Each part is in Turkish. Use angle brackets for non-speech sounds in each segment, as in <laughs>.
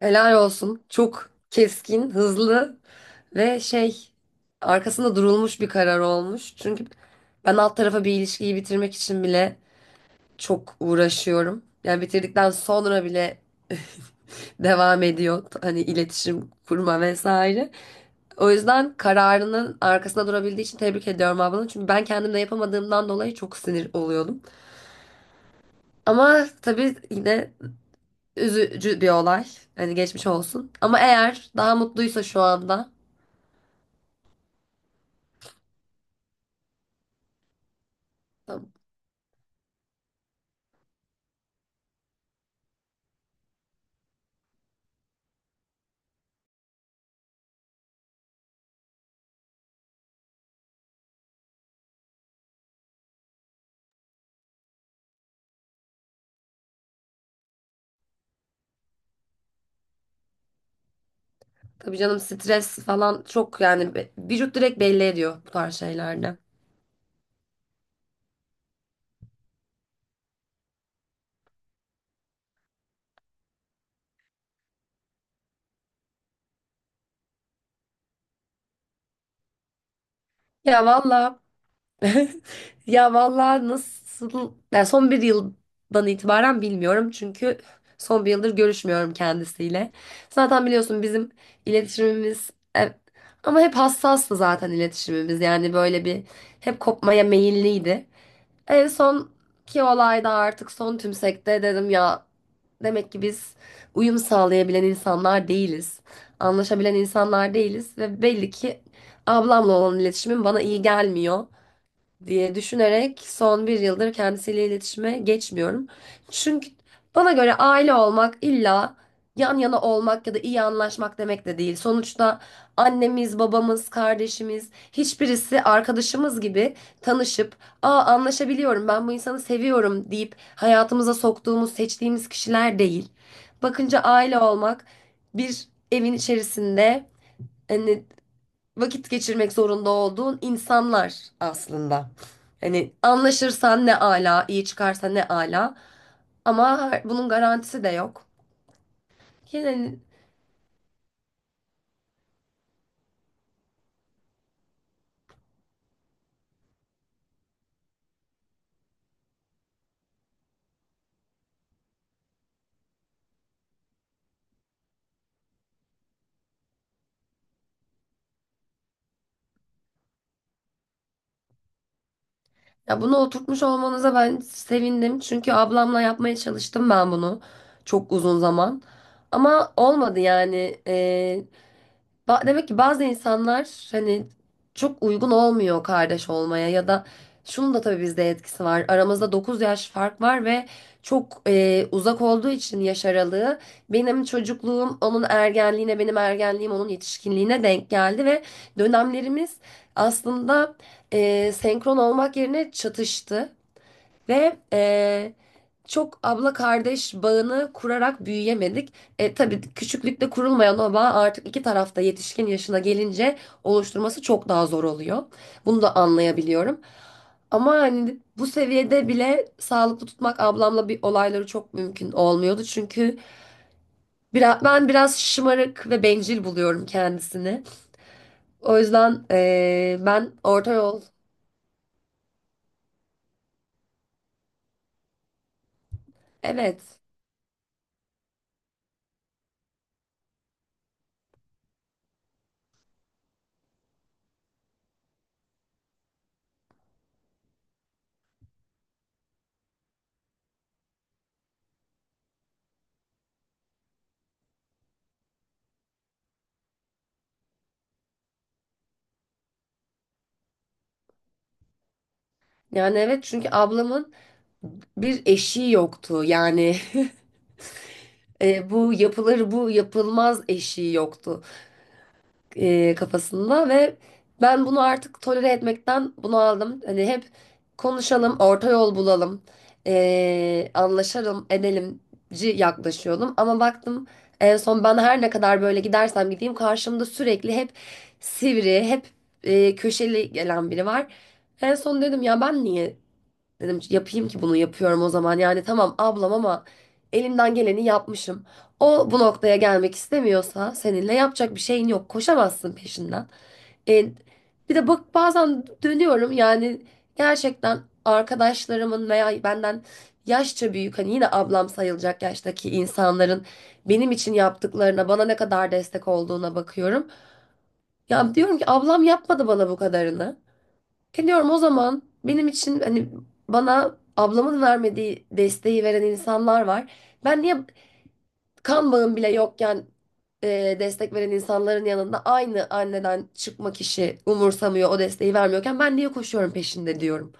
Helal olsun. Çok keskin, hızlı ve arkasında durulmuş bir karar olmuş. Çünkü ben alt tarafa bir ilişkiyi bitirmek için bile çok uğraşıyorum. Yani bitirdikten sonra bile <laughs> devam ediyor. Hani iletişim kurma vesaire. O yüzden kararının arkasında durabildiği için tebrik ediyorum ablanı. Çünkü ben kendim de yapamadığımdan dolayı çok sinir oluyordum. Ama tabii yine üzücü bir olay. Hani geçmiş olsun. Ama eğer daha mutluysa şu anda. Tabii, tabii canım, stres falan çok, yani vücut direkt belli ediyor bu tarz şeylerde. Ya valla, <laughs> ya valla, nasıl yani, son bir yıldan itibaren bilmiyorum çünkü son bir yıldır görüşmüyorum kendisiyle. Zaten biliyorsun bizim iletişimimiz, e, ama hep hassastı zaten iletişimimiz, yani böyle bir, hep kopmaya meyilliydi. En son ki olayda artık son tümsekte dedim ya. Demek ki biz uyum sağlayabilen insanlar değiliz. Anlaşabilen insanlar değiliz ve belli ki ablamla olan iletişimim bana iyi gelmiyor diye düşünerek son bir yıldır kendisiyle iletişime geçmiyorum. Çünkü bana göre aile olmak illa yan yana olmak ya da iyi anlaşmak demek de değil. Sonuçta annemiz, babamız, kardeşimiz, hiçbirisi arkadaşımız gibi tanışıp, "Aa, anlaşabiliyorum, ben bu insanı seviyorum." deyip hayatımıza soktuğumuz, seçtiğimiz kişiler değil. Bakınca aile olmak bir evin içerisinde, hani, vakit geçirmek zorunda olduğun insanlar aslında. Hani anlaşırsan ne ala, iyi çıkarsa ne ala. Ama bunun garantisi de yok. Yine, ya bunu oturtmuş olmanıza ben sevindim. Çünkü ablamla yapmaya çalıştım ben bunu çok uzun zaman. Ama olmadı yani. Demek ki bazı insanlar, hani, çok uygun olmuyor kardeş olmaya ya da, şunun da tabii bizde etkisi var. Aramızda 9 yaş fark var ve çok uzak olduğu için yaş aralığı, benim çocukluğum onun ergenliğine, benim ergenliğim onun yetişkinliğine denk geldi ve dönemlerimiz aslında, senkron olmak yerine çatıştı. Ve çok abla kardeş bağını kurarak büyüyemedik. Tabii küçüklükte kurulmayan o bağ artık iki tarafta yetişkin yaşına gelince oluşturması çok daha zor oluyor. Bunu da anlayabiliyorum. Ama hani bu seviyede bile sağlıklı tutmak ablamla bir olayları çok mümkün olmuyordu. Çünkü biraz, ben biraz şımarık ve bencil buluyorum kendisini. O yüzden ben orta yol, evet, yani evet, çünkü ablamın bir eşiği yoktu. Yani, <laughs> bu yapılır bu yapılmaz eşiği yoktu kafasında ve ben bunu artık tolere etmekten bunu aldım. Hani hep konuşalım, orta yol bulalım, anlaşalım, edelimci yaklaşıyordum. Ama baktım en son ben her ne kadar böyle gidersem gideyim karşımda sürekli hep sivri, hep köşeli gelen biri var. En son dedim ya, ben niye dedim yapayım ki bunu, yapıyorum o zaman. Yani tamam ablam, ama elimden geleni yapmışım. O bu noktaya gelmek istemiyorsa seninle yapacak bir şeyin yok. Koşamazsın peşinden. E, bir de bak, bazen dönüyorum, yani gerçekten arkadaşlarımın veya benden yaşça büyük, hani yine ablam sayılacak yaştaki insanların benim için yaptıklarına, bana ne kadar destek olduğuna bakıyorum. Ya diyorum ki ablam yapmadı bana bu kadarını. E diyorum, o zaman benim için, hani, bana ablamın vermediği desteği veren insanlar var. Ben niye kan bağım bile yokken, destek veren insanların yanında, aynı anneden çıkma kişi umursamıyor o desteği vermiyorken, ben niye koşuyorum peşinde diyorum.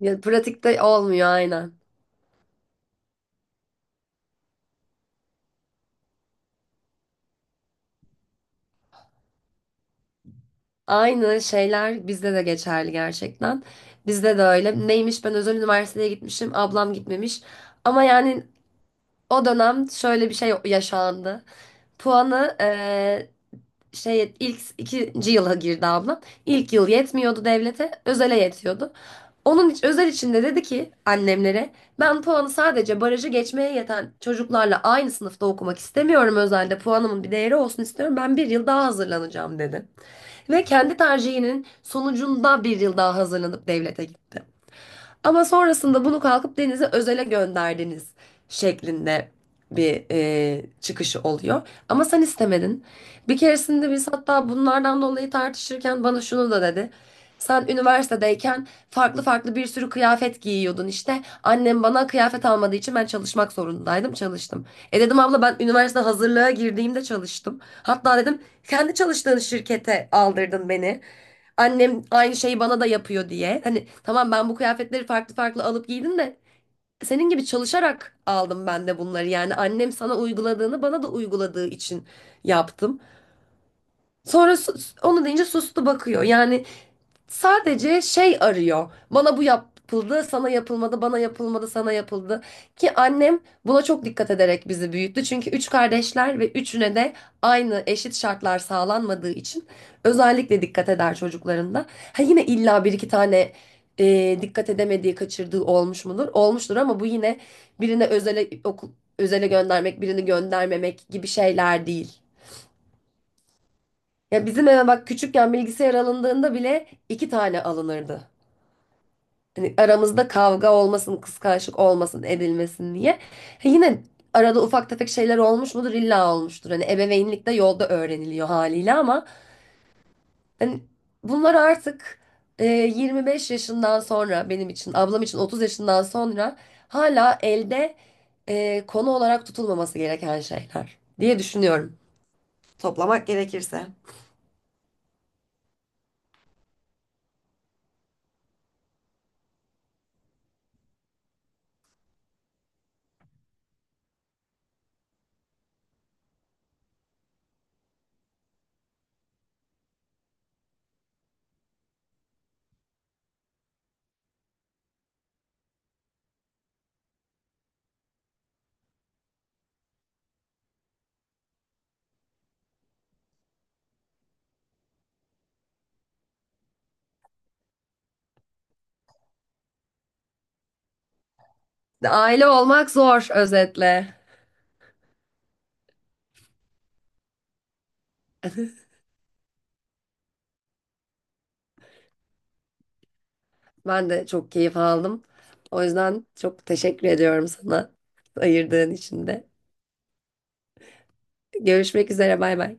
Ya pratikte olmuyor aynen. Aynı şeyler bizde de geçerli gerçekten. Bizde de öyle. Neymiş, ben özel üniversiteye gitmişim, ablam gitmemiş. Ama yani o dönem şöyle bir şey yaşandı. Puanı ilk ikinci yıla girdi ablam. İlk yıl yetmiyordu devlete, özele yetiyordu. Onun için özel içinde dedi ki annemlere, ben puanı sadece barajı geçmeye yeten çocuklarla aynı sınıfta okumak istemiyorum, özelde puanımın bir değeri olsun istiyorum. Ben bir yıl daha hazırlanacağım dedi. Ve kendi tercihinin sonucunda bir yıl daha hazırlanıp devlete gitti. Ama sonrasında bunu kalkıp, "Denize özele gönderdiniz," şeklinde bir çıkışı oluyor. Ama sen istemedin. Bir keresinde biz hatta bunlardan dolayı tartışırken bana şunu da dedi. "Sen üniversitedeyken farklı farklı bir sürü kıyafet giyiyordun işte. Annem bana kıyafet almadığı için ben çalışmak zorundaydım. Çalıştım." E dedim, abla, ben üniversite hazırlığa girdiğimde çalıştım. Hatta dedim kendi çalıştığın şirkete aldırdın beni, annem aynı şeyi bana da yapıyor diye. Hani tamam ben bu kıyafetleri farklı farklı alıp giydim de senin gibi çalışarak aldım ben de bunları. Yani annem sana uyguladığını bana da uyguladığı için yaptım. Sonra onu deyince sustu, bakıyor. Yani sadece şey arıyor. Bana bu yapıldı, sana yapılmadı, bana yapılmadı, sana yapıldı. Ki annem buna çok dikkat ederek bizi büyüttü. Çünkü üç kardeşler ve üçüne de aynı eşit şartlar sağlanmadığı için özellikle dikkat eder çocuklarında. Ha, yine illa bir iki tane dikkat edemediği, kaçırdığı olmuş mudur? Olmuştur, ama bu yine birine özele okul, özele göndermek, birini göndermemek gibi şeyler değil. Ya bizim eve bak, küçükken bilgisayar alındığında bile iki tane alınırdı. Hani aramızda kavga olmasın, kıskançlık olmasın, edilmesin diye. Ha, yine arada ufak tefek şeyler olmuş mudur? İlla olmuştur. Hani ebeveynlik de yolda öğreniliyor haliyle, ama hani bunlar artık 25 yaşından sonra benim için, ablam için 30 yaşından sonra hala elde konu olarak tutulmaması gereken şeyler diye düşünüyorum. Toplamak gerekirse. Aile olmak zor özetle. Ben de çok keyif aldım. O yüzden çok teşekkür ediyorum sana ayırdığın için de. Görüşmek üzere, bay bay.